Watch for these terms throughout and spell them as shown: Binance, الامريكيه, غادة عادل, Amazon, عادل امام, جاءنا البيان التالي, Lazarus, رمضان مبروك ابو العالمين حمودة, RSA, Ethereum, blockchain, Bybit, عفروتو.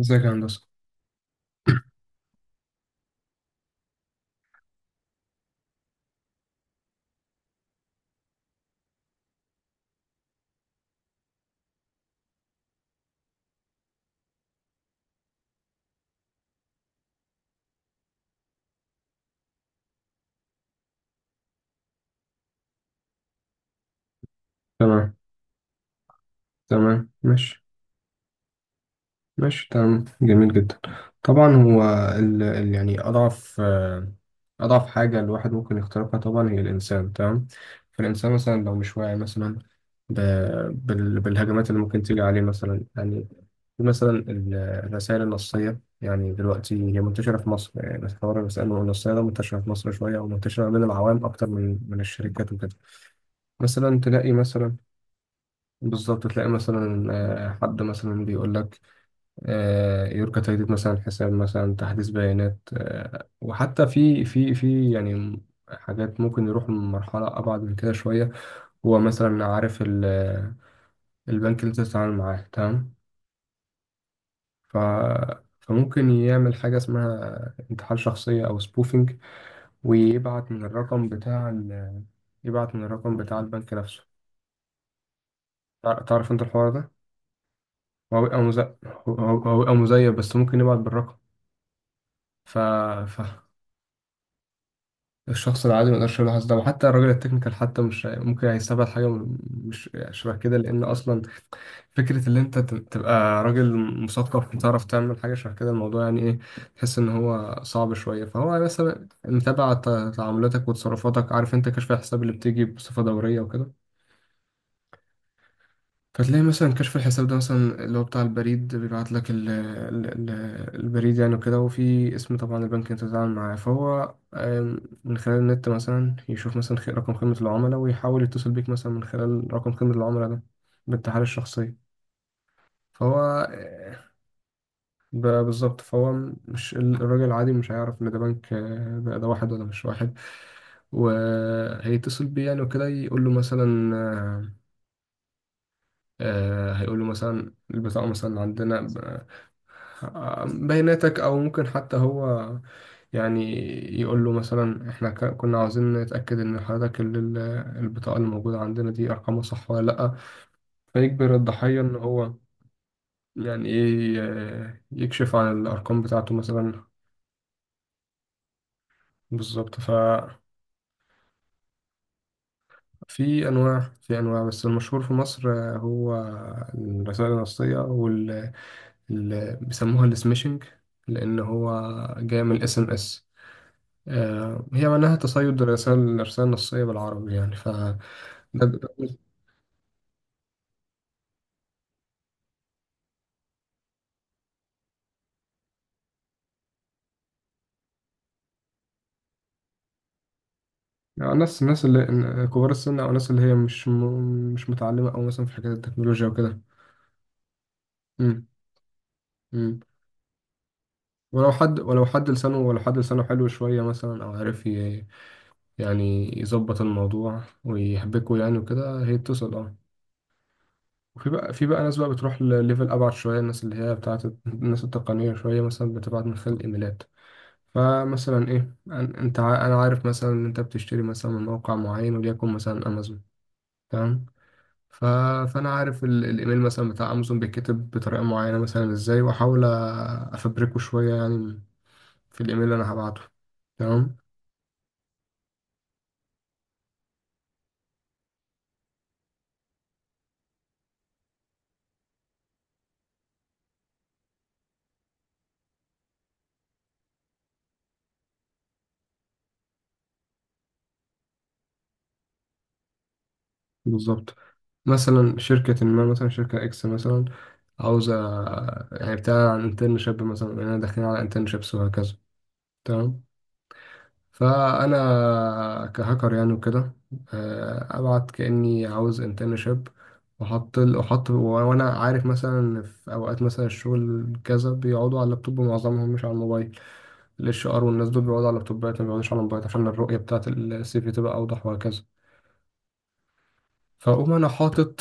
ازيك يا هندسة. تمام. تمام، ماشي. ماشي، تمام، جميل جدا. طبعا، هو يعني أضعف حاجة الواحد ممكن يخترقها. طبعا، هي الإنسان. تمام. فالإنسان مثلا لو مش واعي مثلا ب... بالهجمات اللي ممكن تيجي عليه، مثلا يعني مثلا الرسائل النصية. يعني دلوقتي هي منتشرة في مصر، يعني بس حوار الرسائل النصية ده منتشرة في مصر شوية، ومنتشرة بين العوام أكتر من الشركات وكده. مثلا تلاقي مثلا بالظبط، تلاقي مثلا حد مثلا بيقول لك يرجى تجديد، مثلا، حساب، مثلا، تحديث بيانات، وحتى في يعني حاجات ممكن يروح لمرحلة أبعد من كده شوية. هو مثلا عارف البنك اللي أنت بتتعامل معاه، تمام. ف فممكن يعمل حاجة اسمها انتحال شخصية أو سبوفينج، ويبعت من الرقم بتاع ال- يبعت من الرقم بتاع البنك نفسه. تعرف أنت الحوار ده؟ هو بيبقى مز- هو هو بيبقى مزيف، بس ممكن يبعت بالرقم. ف... ف... الشخص العادي ما يقدرش يلاحظ ده، وحتى الراجل التكنيكال حتى مش ممكن هيستبعد حاجة مش، يعني شبه كده، لأن أصلا فكرة إن أنت تبقى راجل مثقف وتعرف تعمل حاجة شبه كده، الموضوع يعني إيه، تحس إن هو صعب شوية. فهو مثلا متابع تعاملاتك وتصرفاتك، عارف أنت كشف الحساب اللي بتيجي بصفة دورية وكده. فتلاقي مثلا كشف الحساب ده، مثلا، اللي هو بتاع البريد، بيبعت لك ال ال ال البريد يعني وكده. وفي اسم طبعا البنك انت بتتعامل معاه، فهو من خلال النت مثلا يشوف مثلا رقم خدمة العملاء، ويحاول يتصل بيك مثلا من خلال رقم خدمة العملاء ده، بالتحاليل الشخصية. فهو آه، بالظبط. فهو مش الراجل العادي مش هيعرف ان ده بنك، ده واحد ولا مش واحد، وهيتصل بيه، يعني وكده، يقول له مثلا، هيقول له مثلا البطاقة مثلا عندنا بياناتك، او ممكن حتى هو يعني يقول له مثلا احنا كنا عاوزين نتاكد ان حضرتك البطاقه اللي موجوده عندنا دي ارقامها صح ولا لا. فيجبر الضحيه ان هو يعني ايه، يكشف عن الارقام بتاعته مثلا. بالظبط. ففي انواع في انواع، بس المشهور في مصر هو الرسائل النصيه، بيسموها السميشنج، لان هو جاي من الاس ام اس. هي معناها تصيد الرسائل، الرسائل النصية بالعربي، يعني. ف ده- ده- الناس اللي كبار السن أو الناس اللي هي مش متعلمة، أو مثلا في حكاية التكنولوجيا وكده. مم، مم. ولو حد لسانه حلو شوية، مثلا، أو عارف يعني يظبط الموضوع ويحبكه، يعني وكده، هي بتصل وفي بقى في بقى ناس بقى بتروح لليفل أبعد شوية، الناس اللي هي بتاعت الناس التقنية شوية، مثلا بتبعت من خلال الإيميلات. فمثلا، ايه، انا عارف مثلا ان انت بتشتري مثلا من موقع معين، وليكن مثلا امازون، تمام. ف... فانا عارف الايميل مثلا بتاع امازون بيتكتب بطريقه معينه مثلا، ازاي، واحاول افبركه شويه يعني، في الايميل اللي انا هبعته، تمام. بالظبط. مثلا شركة ما، مثلا شركة إكس مثلا، عاوزة يعني بتاع عن انترنشيب، مثلا إننا داخلين على انترنشيبس وهكذا، تمام. فانا كهاكر يعني وكده ابعت كاني عاوز انترنشيب، واحط، وانا عارف مثلا في اوقات مثلا الشغل كذا بيقعدوا على اللابتوب، معظمهم مش على الموبايل. الاتش ار والناس دول بيقعدوا على اللابتوبات، ما بيقعدوش على الموبايل، عشان الرؤيه بتاعه السي في تبقى اوضح وهكذا. فاقوم انا حاطط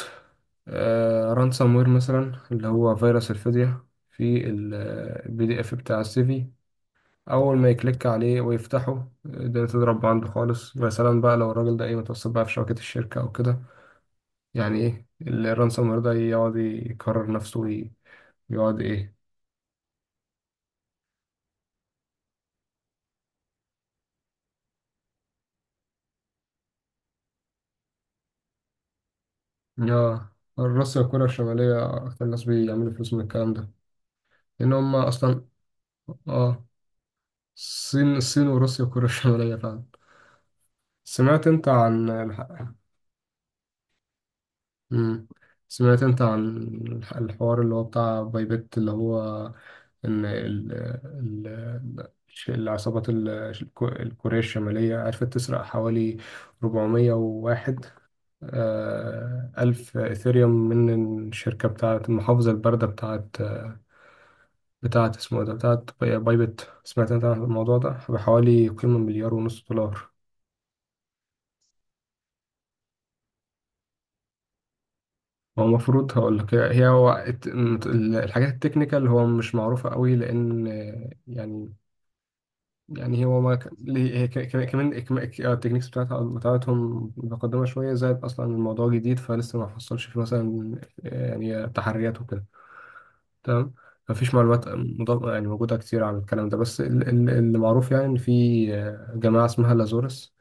رانسام وير، مثلا، اللي هو فيروس الفدية، في البي دي اف بتاع السيفي. اول ما يكليك عليه ويفتحه، الدنيا تضرب عنده خالص، ويا سلام بقى لو الراجل ده ايه، متوسط بقى في شبكة الشركة او كده، يعني ايه الرانسوم وير ده يقعد يكرر نفسه ويقعد ايه. اه. الروس وكوريا الشمالية اكتر ناس بيعملوا فلوس من الكلام ده، لان هم اصلا، اه، الصين وروسيا وكوريا الشمالية فعلا. سمعت انت عن الح... مم. سمعت انت عن الحوار اللي هو بتاع بايبت، اللي هو ان العصابات الكورية الشمالية عرفت تسرق حوالي 401 ألف إثيريوم، من الشركة بتاعة المحافظة الباردة بتاعة اسمه ده، بتاعة بايبت. سمعت أنت عن الموضوع ده؟ بحوالي قيمة مليار ونص دولار. هو المفروض هقول لك، هي، هو الحاجات التكنيكال، هو مش معروفة قوي، لأن يعني، هو ما كان ليه- هي ك- ك- كمان التكنيكس بتاعتهم متقدمة شوية، زائد أصلا الموضوع جديد، فلسه ما حصلش فيه مثلا يعني تحريات وكده، تمام. مفيش معلومات مضاد يعني موجودة كتير عن الكلام ده، بس اللي معروف يعني إن في جماعة اسمها لازورس.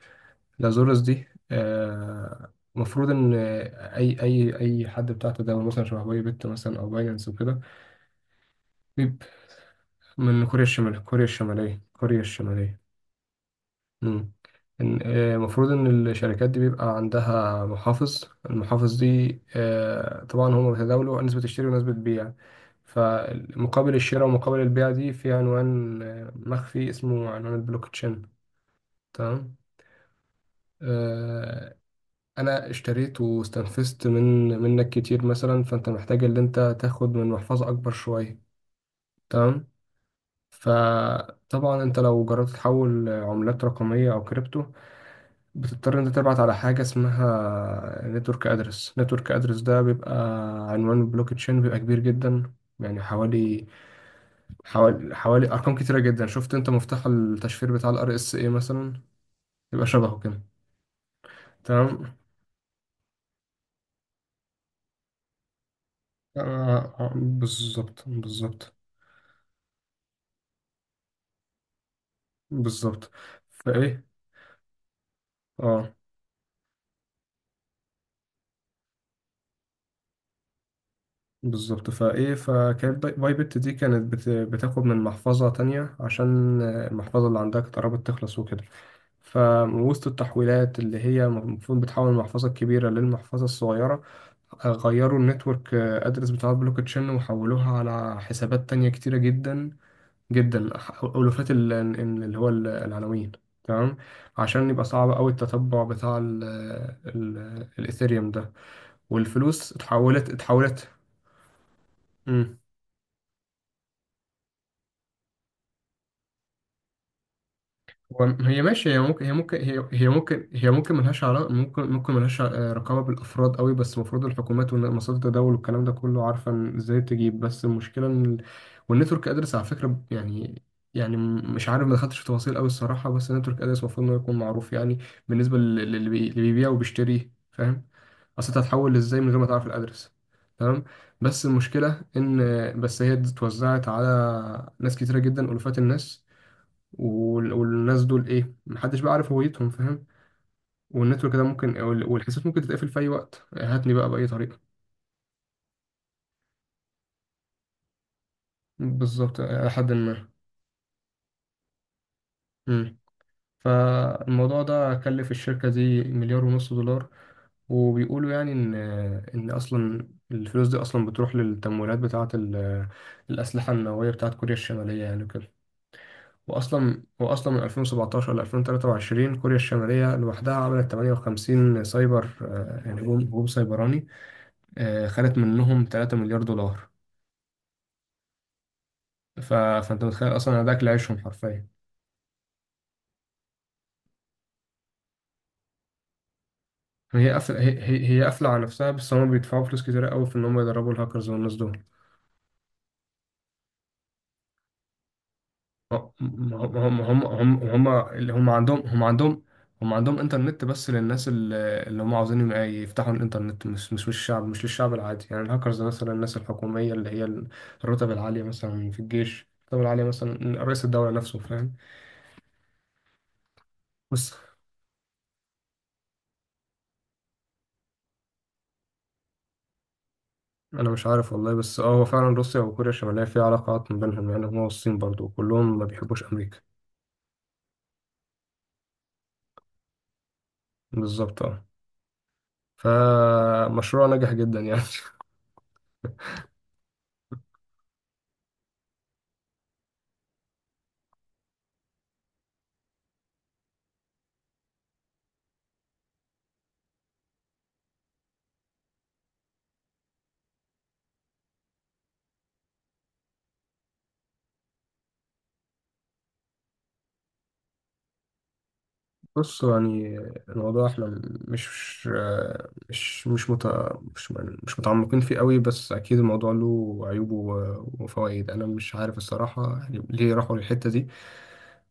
لازورس دي المفروض إن أي حد بتاع تداول مثلا شبه باي بت، مثلا، أو باينانس وكده. بيب- من كوريا الشمالية، كوريا الشمالية، كوريا الشمالية. مم. المفروض ان الشركات دي بيبقى عندها محافظ. المحافظ دي طبعا هم بيتداولوا نسبة الشراء ونسبة البيع، فمقابل الشراء ومقابل البيع دي في عنوان مخفي، اسمه عنوان البلوك تشين، تمام. آه، انا اشتريت واستنفذت من منك كتير، مثلا، فانت محتاج ان انت تاخد من محفظة اكبر شوية، تمام. فطبعا انت لو جربت تحول عملات رقمية او كريبتو، بتضطر انت تبعت على حاجة اسمها نتورك ادرس. نتورك ادرس ده بيبقى عنوان البلوك تشين، بيبقى كبير جدا، يعني حوالي، حوالي ارقام كتيرة جدا. شفت انت مفتاح التشفير بتاع الار اس اي، مثلا؟ يبقى شبهه كده، تمام. آه، آه، بالظبط بالظبط بالظبط فايه اه بالظبط، فايه، فكانت بايبت دي كانت بتاخد من محفظة تانية، عشان المحفظة اللي عندها كانت قربت تخلص وكده، فوسط التحويلات اللي هي المفروض بتحول المحفظة الكبيرة للمحفظة الصغيرة، غيروا النتورك ادرس بتاع البلوك تشين، وحولوها على حسابات تانية كتيرة جدا جدا، ألوفات العناوين، تمام، عشان يبقى صعب أوي التتبع بتاع ال ال الإيثيريوم ده، والفلوس اتحولت، اتحولت. هي ماشي، هي ممكن، ملهاش علاقة، ممكن ملهاش رقابة بالأفراد قوي، بس المفروض الحكومات ومنصات التداول والكلام ده كله عارفة إن ازاي تجيب. بس المشكلة ان والنتورك ادرس، على فكرة، يعني مش عارف، ما دخلتش في تفاصيل قوي الصراحة، بس النتورك ادرس المفروض انه يكون معروف يعني، بالنسبة اللي بيبيع وبيشتري، فاهم، اصل انت هتحول ازاي من غير ما تعرف الادرس، تمام. بس المشكلة ان، بس، هي اتوزعت على ناس كتيرة جدا، ألوفات الناس، والناس دول، ايه، محدش بقى عارف هويتهم، فاهم. والنتورك ده ممكن والحساب ممكن تتقفل في اي وقت، هاتني بقى بأي طريقة. بالظبط، إلى حد ما. مم. فالموضوع ده كلف الشركة دي مليار ونص دولار، وبيقولوا يعني إن، إن أصلا الفلوس دي أصلا بتروح للتمويلات بتاعة الأسلحة النووية بتاعة كوريا الشمالية، يعني كده. وأصلا من 2017 ل 2023 كوريا الشمالية لوحدها عملت 58 سايبر، يعني هجوم سيبراني، خدت منهم 3 مليار دولار. فانت متخيل اصلا ده اكل عيشهم حرفيا. هي قافله على نفسها، بس هم بيدفعوا فلوس كتير قوي في ان هم يدربوا الهاكرز والناس دول. ما هم عندهم انترنت، بس للناس اللي، اللي هم عاوزين يبقى يفتحوا الانترنت، مش للشعب العادي، يعني الهاكرز ده، مثلا الناس الحكوميه اللي هي الرتب العاليه، مثلا في الجيش الرتب العاليه، مثلا رئيس الدوله نفسه، فاهم. بس انا مش عارف والله، بس اه، هو فعلا روسيا وكوريا الشماليه في علاقات ما بينهم يعني، هما والصين برضو، وكلهم ما بيحبوش امريكا. بالظبط، اه. فمشروع نجح جدا يعني. بص يعني، الموضوع احنا مش مش مش مت... مش مش متعمقين فيه قوي، بس اكيد الموضوع له عيوبه وفوائد، انا مش عارف الصراحه، يعني ليه راحوا للحته دي،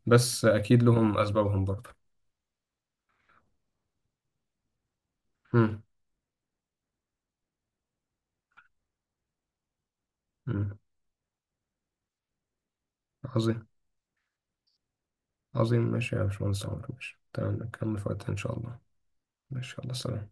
بس اكيد لهم اسبابهم برضه. مم. مم. عظيم. عظيم، ماشي يا باشمهندس عمر، ماشي، تمام، نكمل في وقتها ان شاء الله. ماشي، الله. سلام.